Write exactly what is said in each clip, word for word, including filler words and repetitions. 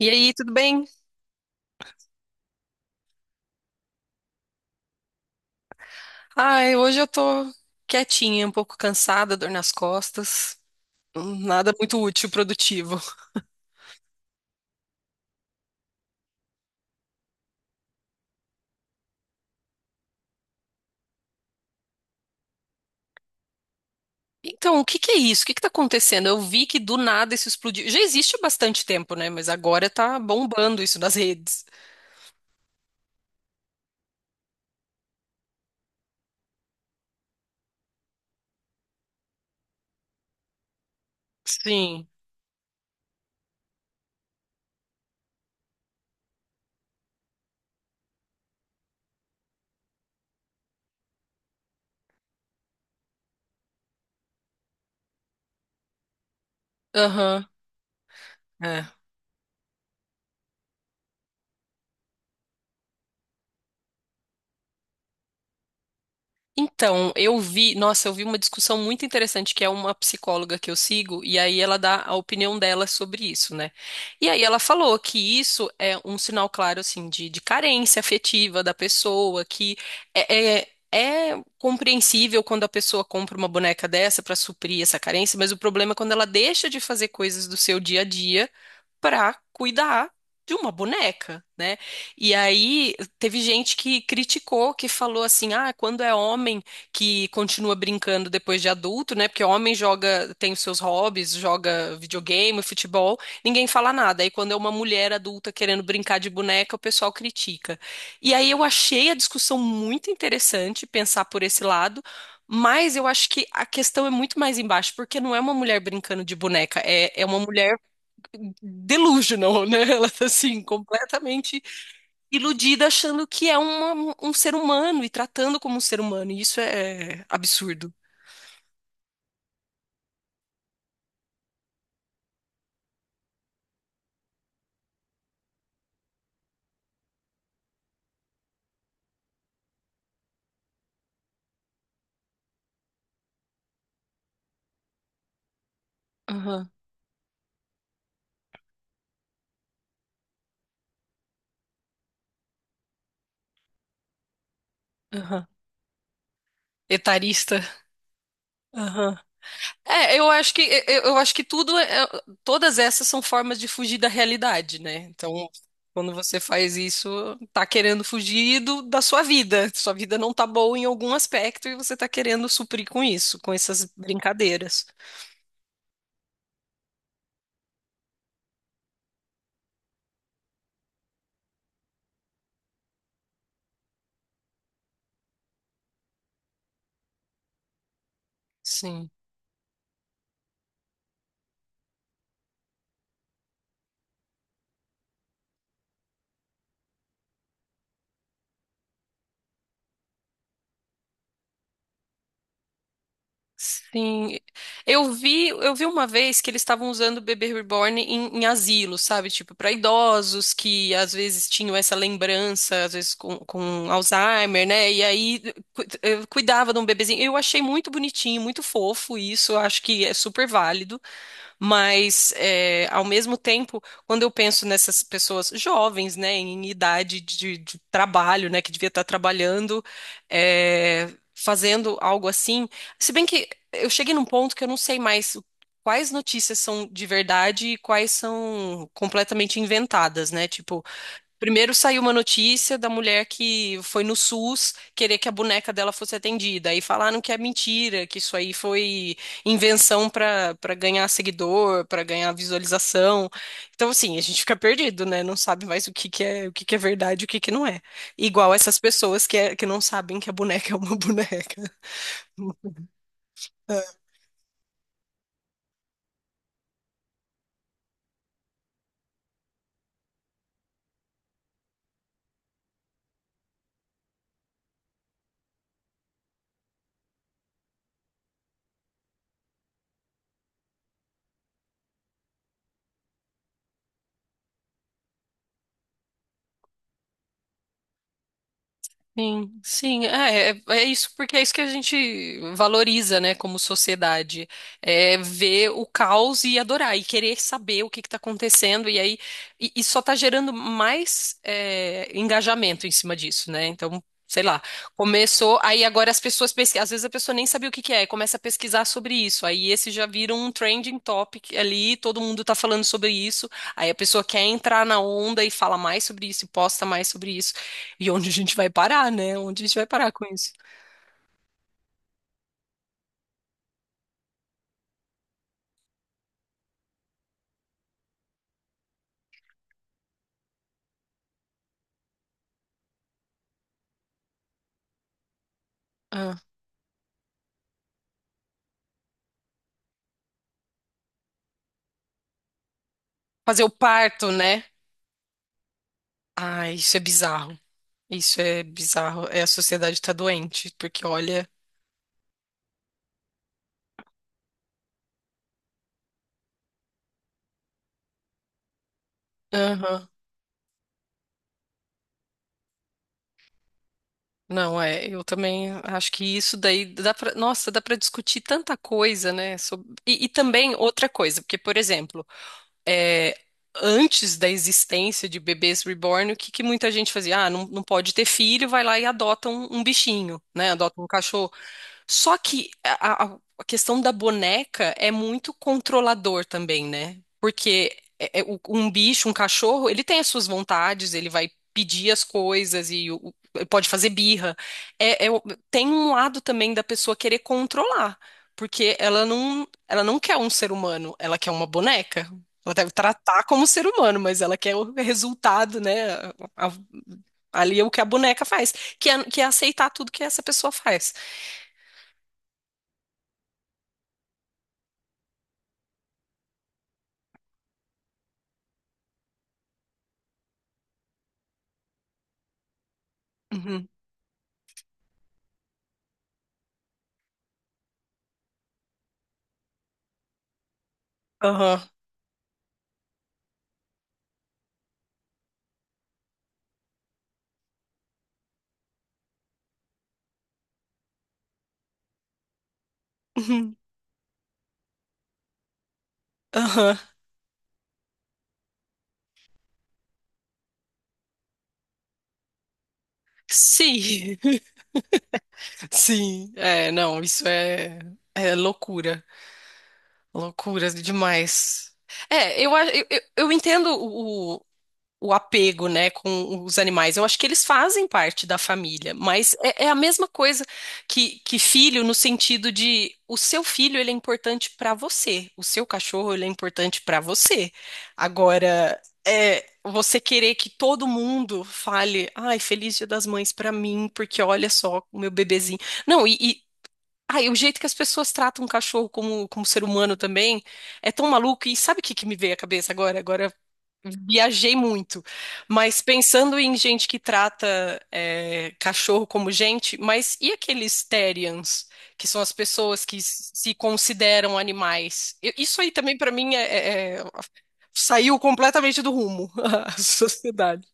E aí, tudo bem? Ai, hoje eu tô quietinha, um pouco cansada, dor nas costas. Hum, Nada muito útil, produtivo. Então, o que que é isso? O que que tá acontecendo? Eu vi que do nada isso explodiu. Já existe há bastante tempo, né? Mas agora tá bombando isso nas redes. Sim. Aham. Então, eu vi, nossa, eu vi uma discussão muito interessante que é uma psicóloga que eu sigo, e aí ela dá a opinião dela sobre isso, né? E aí ela falou que isso é um sinal claro, assim, de, de carência afetiva da pessoa, que é, é, é compreensível quando a pessoa compra uma boneca dessa para suprir essa carência, mas o problema é quando ela deixa de fazer coisas do seu dia a dia para cuidar de uma boneca, né? E aí teve gente que criticou, que falou assim: "Ah, quando é homem que continua brincando depois de adulto, né? Porque homem joga, tem os seus hobbies, joga videogame, futebol, ninguém fala nada. Aí quando é uma mulher adulta querendo brincar de boneca, o pessoal critica". E aí eu achei a discussão muito interessante pensar por esse lado. Mas eu acho que a questão é muito mais embaixo, porque não é uma mulher brincando de boneca, é, é uma mulher delusional, né? Ela tá assim, completamente iludida, achando que é uma- um ser humano e tratando como um ser humano. E isso é absurdo. Aham, aham. Etarista. Aham. É, eu acho que eu, eu acho que tudo é- é, todas essas são formas de fugir da realidade, né? Então, quando você faz isso, tá querendo fugir do- da sua vida. Sua vida não tá boa em algum aspecto e você tá querendo suprir com isso, com essas brincadeiras. Sim. Sim, eu vi, eu vi uma vez que eles estavam usando o bebê reborn em, em asilo, sabe? Tipo, para idosos que às vezes tinham essa lembrança, às vezes com, com Alzheimer, né? E aí cu- eh, cuidava de um bebezinho. Eu achei muito bonitinho, muito fofo isso, eu acho que é super válido. Mas, é, ao mesmo tempo, quando eu penso nessas pessoas jovens, né, em idade de, de trabalho, né, que devia estar trabalhando, é, fazendo algo assim, se bem que eu cheguei num ponto que eu não sei mais o- quais notícias são de verdade e quais são completamente inventadas, né? Tipo, primeiro saiu uma notícia da mulher que foi no SUS querer que a boneca dela fosse atendida. Aí falaram que é mentira, que isso aí foi invenção para para ganhar seguidor, para ganhar visualização. Então, assim, a gente fica perdido, né? Não sabe mais o que que é, o que que é verdade, e o que que não é. Igual essas pessoas que, é- que não sabem que a boneca é uma boneca. Sim, sim, é, é, é isso, porque é isso que a gente valoriza, né, como sociedade, é ver o caos e adorar, e querer saber o que está acontecendo, e aí, e, e só está gerando mais é, engajamento em cima disso, né, então, sei lá, começou, aí agora as pessoas pesquisam, às vezes a pessoa nem sabia o que que é, e começa a pesquisar sobre isso, aí esse já vira um trending topic ali, todo mundo está falando sobre isso, aí a pessoa quer entrar na onda e fala mais sobre isso, e posta mais sobre isso, e onde a gente vai parar, né? Onde a gente vai parar com isso? Ah, fazer o parto, né? Ah, isso é bizarro. Isso é bizarro. É, a sociedade tá doente, porque olha. Aham. Não, é. Eu também acho que isso daí dá pra. Nossa, dá pra discutir tanta coisa, né? sob- E, e também outra coisa, porque, por exemplo, é, antes da existência de bebês reborn, o que, que muita gente fazia? Ah, não, não pode ter filho, vai lá e adota um, um bichinho, né? Adota um cachorro. Só que a, a- a questão da boneca é muito controlador também, né? Porque é- é o- um bicho, um cachorro, ele tem as suas vontades, ele vai pedir as coisas e o- o- pode fazer birra. É- é o- Tem um lado também da pessoa querer controlar, porque ela não, ela não quer um ser humano, ela quer uma boneca. Ela deve tratar como ser humano, mas ela quer o resultado, né? A- a- Ali é o que a boneca faz, que é, que é aceitar tudo que essa pessoa faz. Aham. Uhum. Aham. Sim. Sim. É, não, isso é, é loucura. Loucura demais. É, eu, a- eu, eu eu entendo o apego, né, com os animais. Eu acho que eles fazem parte da família, mas é, é a mesma coisa que, que filho, no sentido de o seu filho ele é importante para você, o seu cachorro ele é importante para você. Agora, é, você querer que todo mundo fale, ai, feliz Dia das Mães para mim, porque olha só o meu bebezinho. Não, e, e ai, o jeito que as pessoas tratam o cachorro como, como ser humano também é tão maluco. E sabe o que que me veio à cabeça agora? Agora viajei muito. Mas pensando em gente que trata é, cachorro como gente, mas e aqueles terians, que são as pessoas que s- se consideram animais? Eu- isso aí também, para mim, é, é- é- saiu completamente do rumo, a sociedade.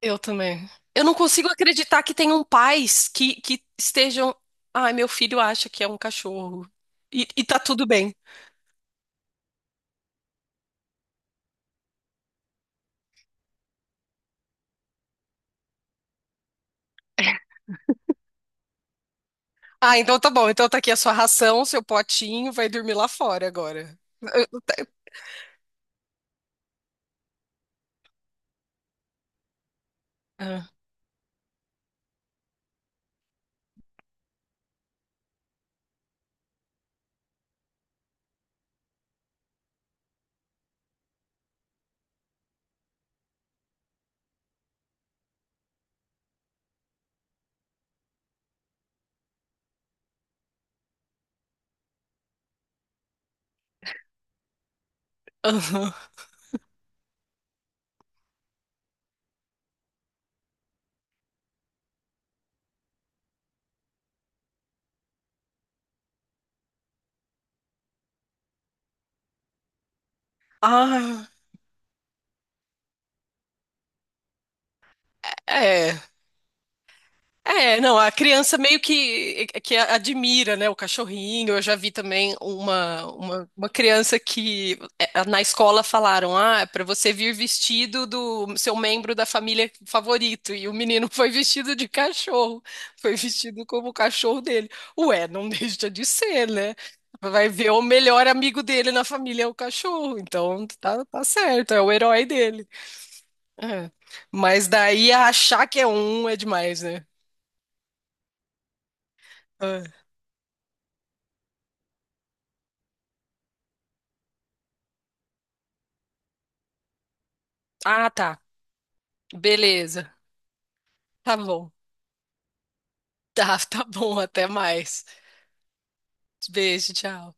Eu também. Eu não consigo acreditar que tenham pais que, que estejam. Ai, meu filho acha que é um cachorro. E, e tá tudo bem. Ah, então tá bom. Então tá aqui a sua ração, seu potinho, vai dormir lá fora agora. Eu- ah, aham. Ah, é. É, não, a criança meio que, é, que admira, né, o cachorrinho. Eu já vi também uma, uma, uma criança que eh, na escola falaram, ah, é para você vir vestido do seu membro da família favorito. E o menino foi vestido de cachorro, foi vestido como o cachorro dele. Ué, não deixa de ser, né? Vai ver o melhor amigo dele na família é o cachorro, então tá, tá certo, é o herói dele. É. Mas daí achar que é um é demais, né? É. Ah, tá. Beleza. Tá bom. Tá, tá bom. Até mais. Beijo, tchau.